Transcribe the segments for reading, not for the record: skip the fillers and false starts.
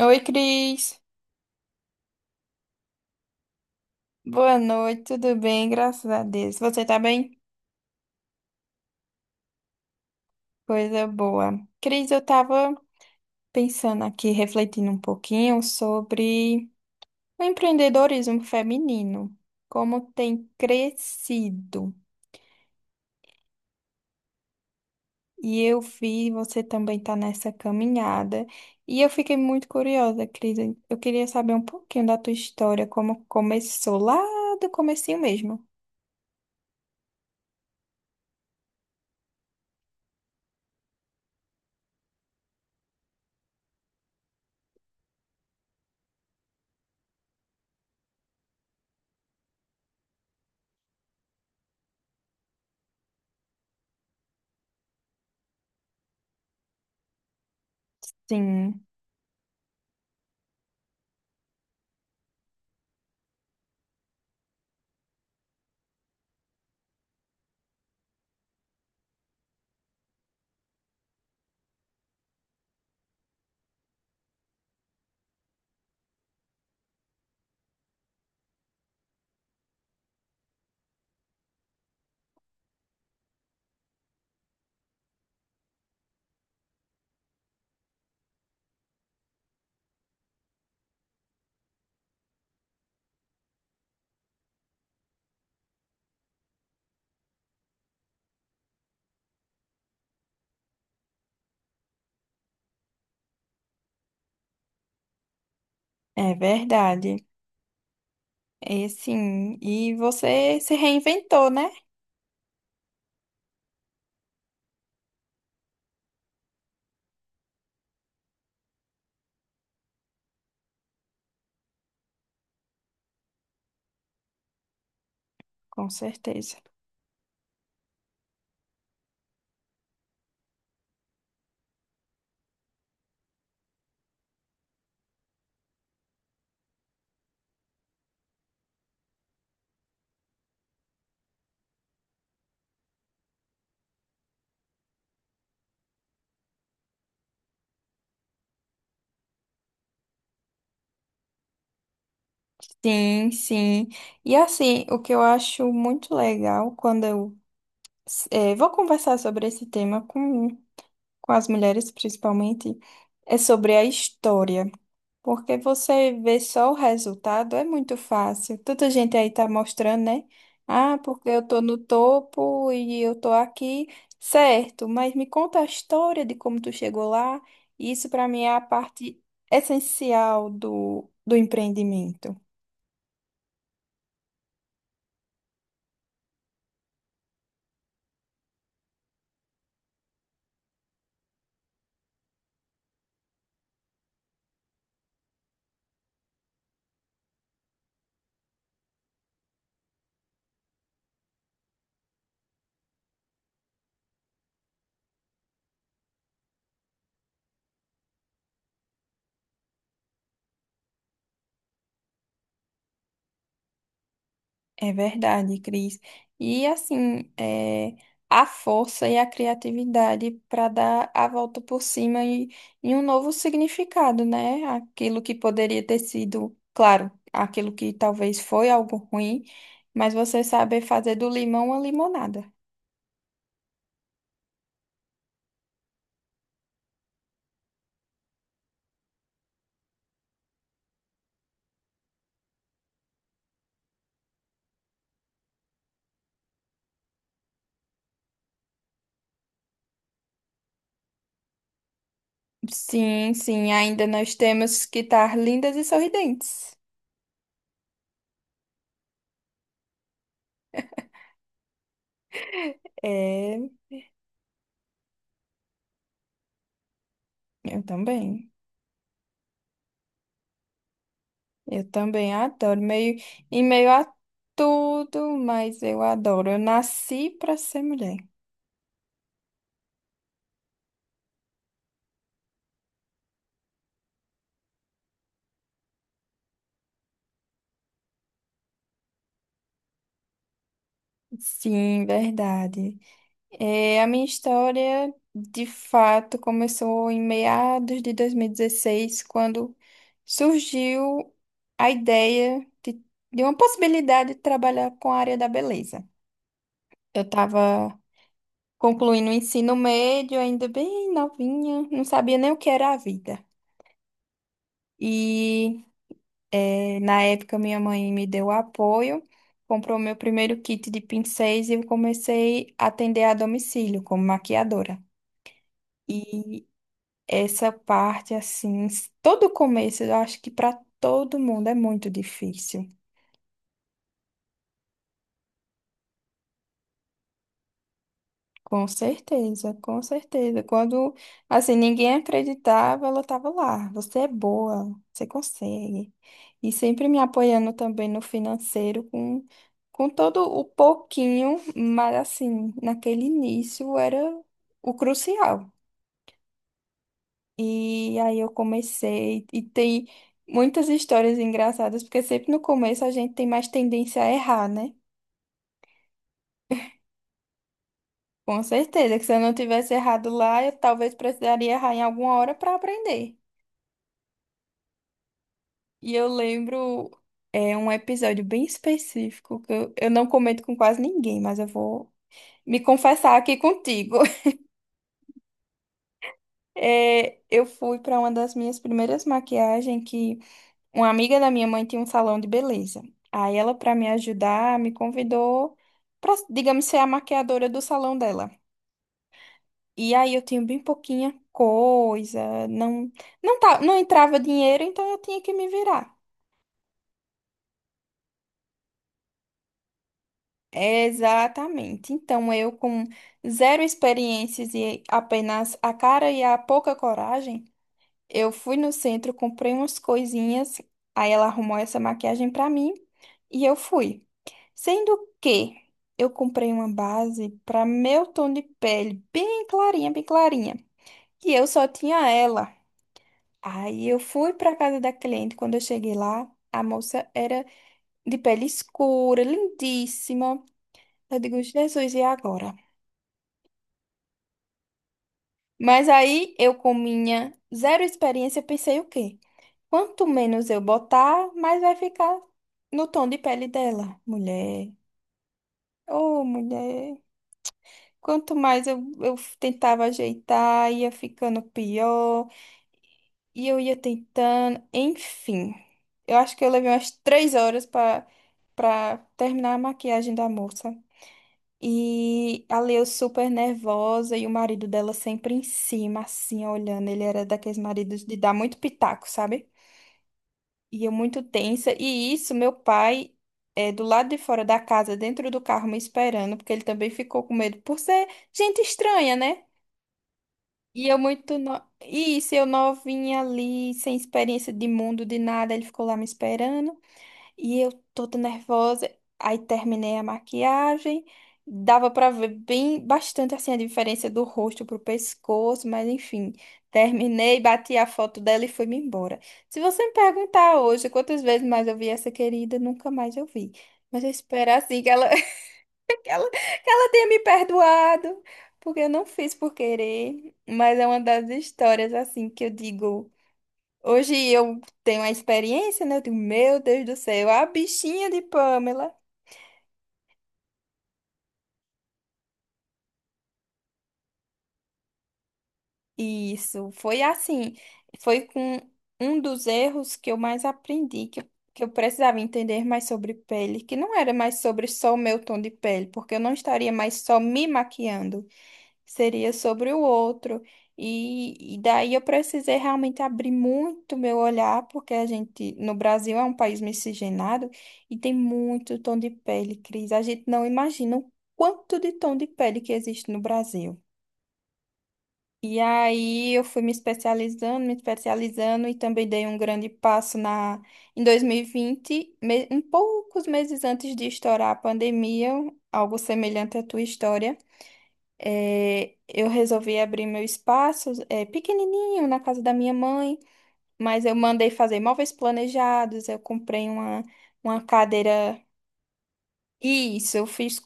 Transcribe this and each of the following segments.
Oi, Cris. Boa noite, tudo bem? Graças a Deus. Você tá bem? Coisa boa. Cris, eu tava pensando aqui, refletindo um pouquinho sobre o empreendedorismo feminino, como tem crescido. E eu vi você também tá nessa caminhada. E eu fiquei muito curiosa, Cris. Eu queria saber um pouquinho da tua história, como começou lá do comecinho mesmo. Sim, é verdade. É sim, e você se reinventou, né? Com certeza. Sim, sim. E assim, o que eu acho muito legal quando eu vou conversar sobre esse tema com as mulheres, principalmente, é sobre a história. Porque você vê só o resultado, é muito fácil. Tanta gente aí tá mostrando, né? Ah, porque eu tô no topo e eu tô aqui. Certo, mas me conta a história de como tu chegou lá. Isso para mim é a parte essencial do empreendimento. É verdade, Cris. E assim, é, a força e a criatividade para dar a volta por cima e um novo significado, né? Aquilo que poderia ter sido, claro, aquilo que talvez foi algo ruim, mas você saber fazer do limão uma limonada. Sim, sim, ainda nós temos que estar lindas e sorridentes. É, eu também. Eu também adoro. Meio, em meio a tudo, mas eu adoro. Eu nasci para ser mulher. Sim, verdade. É, a minha história, de fato, começou em meados de 2016, quando surgiu a ideia de uma possibilidade de trabalhar com a área da beleza. Eu estava concluindo o ensino médio, ainda bem novinha, não sabia nem o que era a vida. E é, na época, minha mãe me deu apoio, comprou meu primeiro kit de pincéis e eu comecei a atender a domicílio como maquiadora. E essa parte, assim, todo começo, eu acho que para todo mundo é muito difícil. Com certeza, com certeza. Quando, assim, ninguém acreditava, ela estava lá. Você é boa, você consegue. E sempre me apoiando também no financeiro, com todo o pouquinho, mas, assim, naquele início era o crucial. E aí eu comecei, e tem muitas histórias engraçadas, porque sempre no começo a gente tem mais tendência a errar, né? Com certeza, que se eu não tivesse errado lá, eu talvez precisaria errar em alguma hora para aprender. E eu lembro é um episódio bem específico que eu não comento com quase ninguém, mas eu vou me confessar aqui contigo. É, eu fui para uma das minhas primeiras maquiagens que uma amiga da minha mãe tinha um salão de beleza. Aí ela, para me ajudar, me convidou para, digamos, ser a maquiadora do salão dela. E aí eu tinha bem pouquinha coisa, não tá, não entrava dinheiro, então eu tinha que me virar. Exatamente. Então, eu com zero experiências e apenas a cara e a pouca coragem, eu fui no centro, comprei umas coisinhas, aí ela arrumou essa maquiagem pra mim e eu fui. Sendo que eu comprei uma base pra meu tom de pele, bem clarinha, e eu só tinha ela. Aí eu fui pra casa da cliente, quando eu cheguei lá, a moça era de pele escura, lindíssima. Eu digo, Jesus, e agora? Mas aí eu, com minha zero experiência, pensei o quê? Quanto menos eu botar, mais vai ficar no tom de pele dela. Mulher, ô mulher. Quanto mais eu tentava ajeitar, ia ficando pior. E eu ia tentando. Enfim, eu acho que eu levei umas 3 horas para terminar a maquiagem da moça. E a Leo super nervosa e o marido dela sempre em cima, assim, olhando. Ele era daqueles maridos de dar muito pitaco, sabe? E eu muito tensa. E isso, meu pai, é, do lado de fora da casa, dentro do carro, me esperando, porque ele também ficou com medo por ser gente estranha, né? E eu muito. No... E isso, eu novinha ali, sem experiência de mundo, de nada, ele ficou lá me esperando. E eu toda nervosa, aí terminei a maquiagem, dava pra ver bem bastante assim a diferença do rosto pro pescoço, mas enfim, terminei, bati a foto dela e fui-me embora. Se você me perguntar hoje quantas vezes mais eu vi essa querida, nunca mais eu vi. Mas eu espero assim que ela, que ela tenha me perdoado, porque eu não fiz por querer, mas é uma das histórias assim que eu digo. Hoje eu tenho a experiência, né? Eu digo, meu Deus do céu, a bichinha de Pamela. Isso, foi assim. Foi com um dos erros que eu mais aprendi, que eu precisava entender mais sobre pele, que não era mais sobre só o meu tom de pele, porque eu não estaria mais só me maquiando. Seria sobre o outro. E daí eu precisei realmente abrir muito meu olhar, porque a gente, no Brasil, é um país miscigenado e tem muito tom de pele, Cris. A gente não imagina o quanto de tom de pele que existe no Brasil. E aí eu fui me especializando e também dei um grande passo na em 2020, um poucos meses antes de estourar a pandemia, algo semelhante à tua história. É, eu resolvi abrir meu espaço, é, pequenininho, na casa da minha mãe, mas eu mandei fazer móveis planejados, uma cadeira. Isso, eu fiz,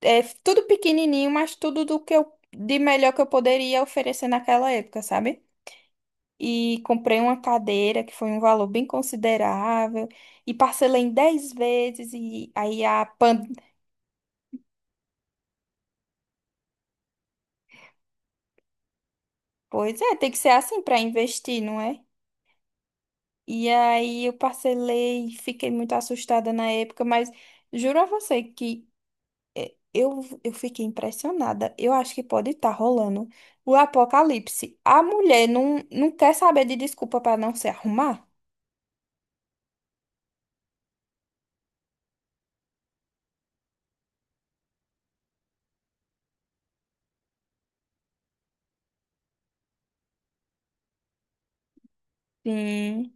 é, tudo pequenininho, mas tudo do que eu, de melhor que eu poderia oferecer naquela época, sabe? E comprei uma cadeira que foi um valor bem considerável e parcelei em 10 vezes e aí a pan... Pois é, tem que ser assim para investir, não é? E aí eu parcelei, fiquei muito assustada na época, mas juro a você que eu fiquei impressionada. Eu acho que pode estar rolando o apocalipse. A mulher não, não quer saber de desculpa para não se arrumar? Sim.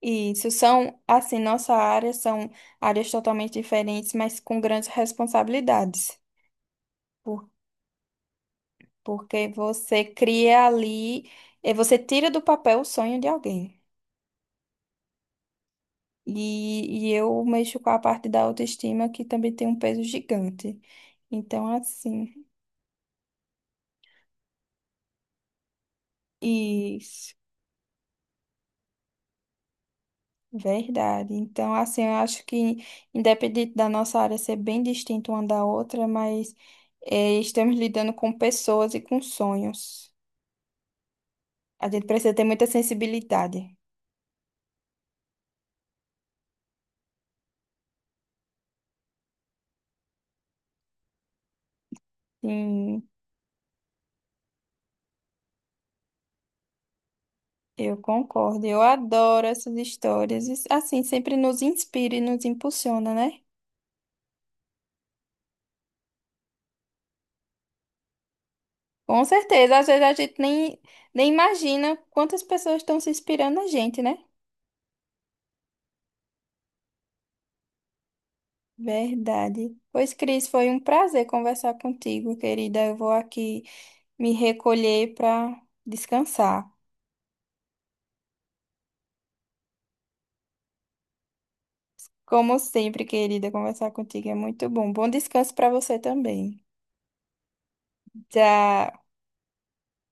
Isso são, assim, nossa área são áreas totalmente diferentes, mas com grandes responsabilidades. Por, porque você cria ali, eh, você tira do papel o sonho de alguém. E eu mexo com a parte da autoestima que também tem um peso gigante. Então, assim, isso, verdade. Então, assim, eu acho que, independente da nossa área ser bem distinta uma da outra, mas eh, estamos lidando com pessoas e com sonhos. A gente precisa ter muita sensibilidade. Sim, eu concordo. Eu adoro essas histórias. E, assim, sempre nos inspira e nos impulsiona, né? Com certeza, às vezes a gente nem, nem imagina quantas pessoas estão se inspirando na gente, né? Verdade. Pois, Cris, foi um prazer conversar contigo, querida. Eu vou aqui me recolher para descansar. Como sempre, querida, conversar contigo é muito bom. Bom descanso para você também. Tchau.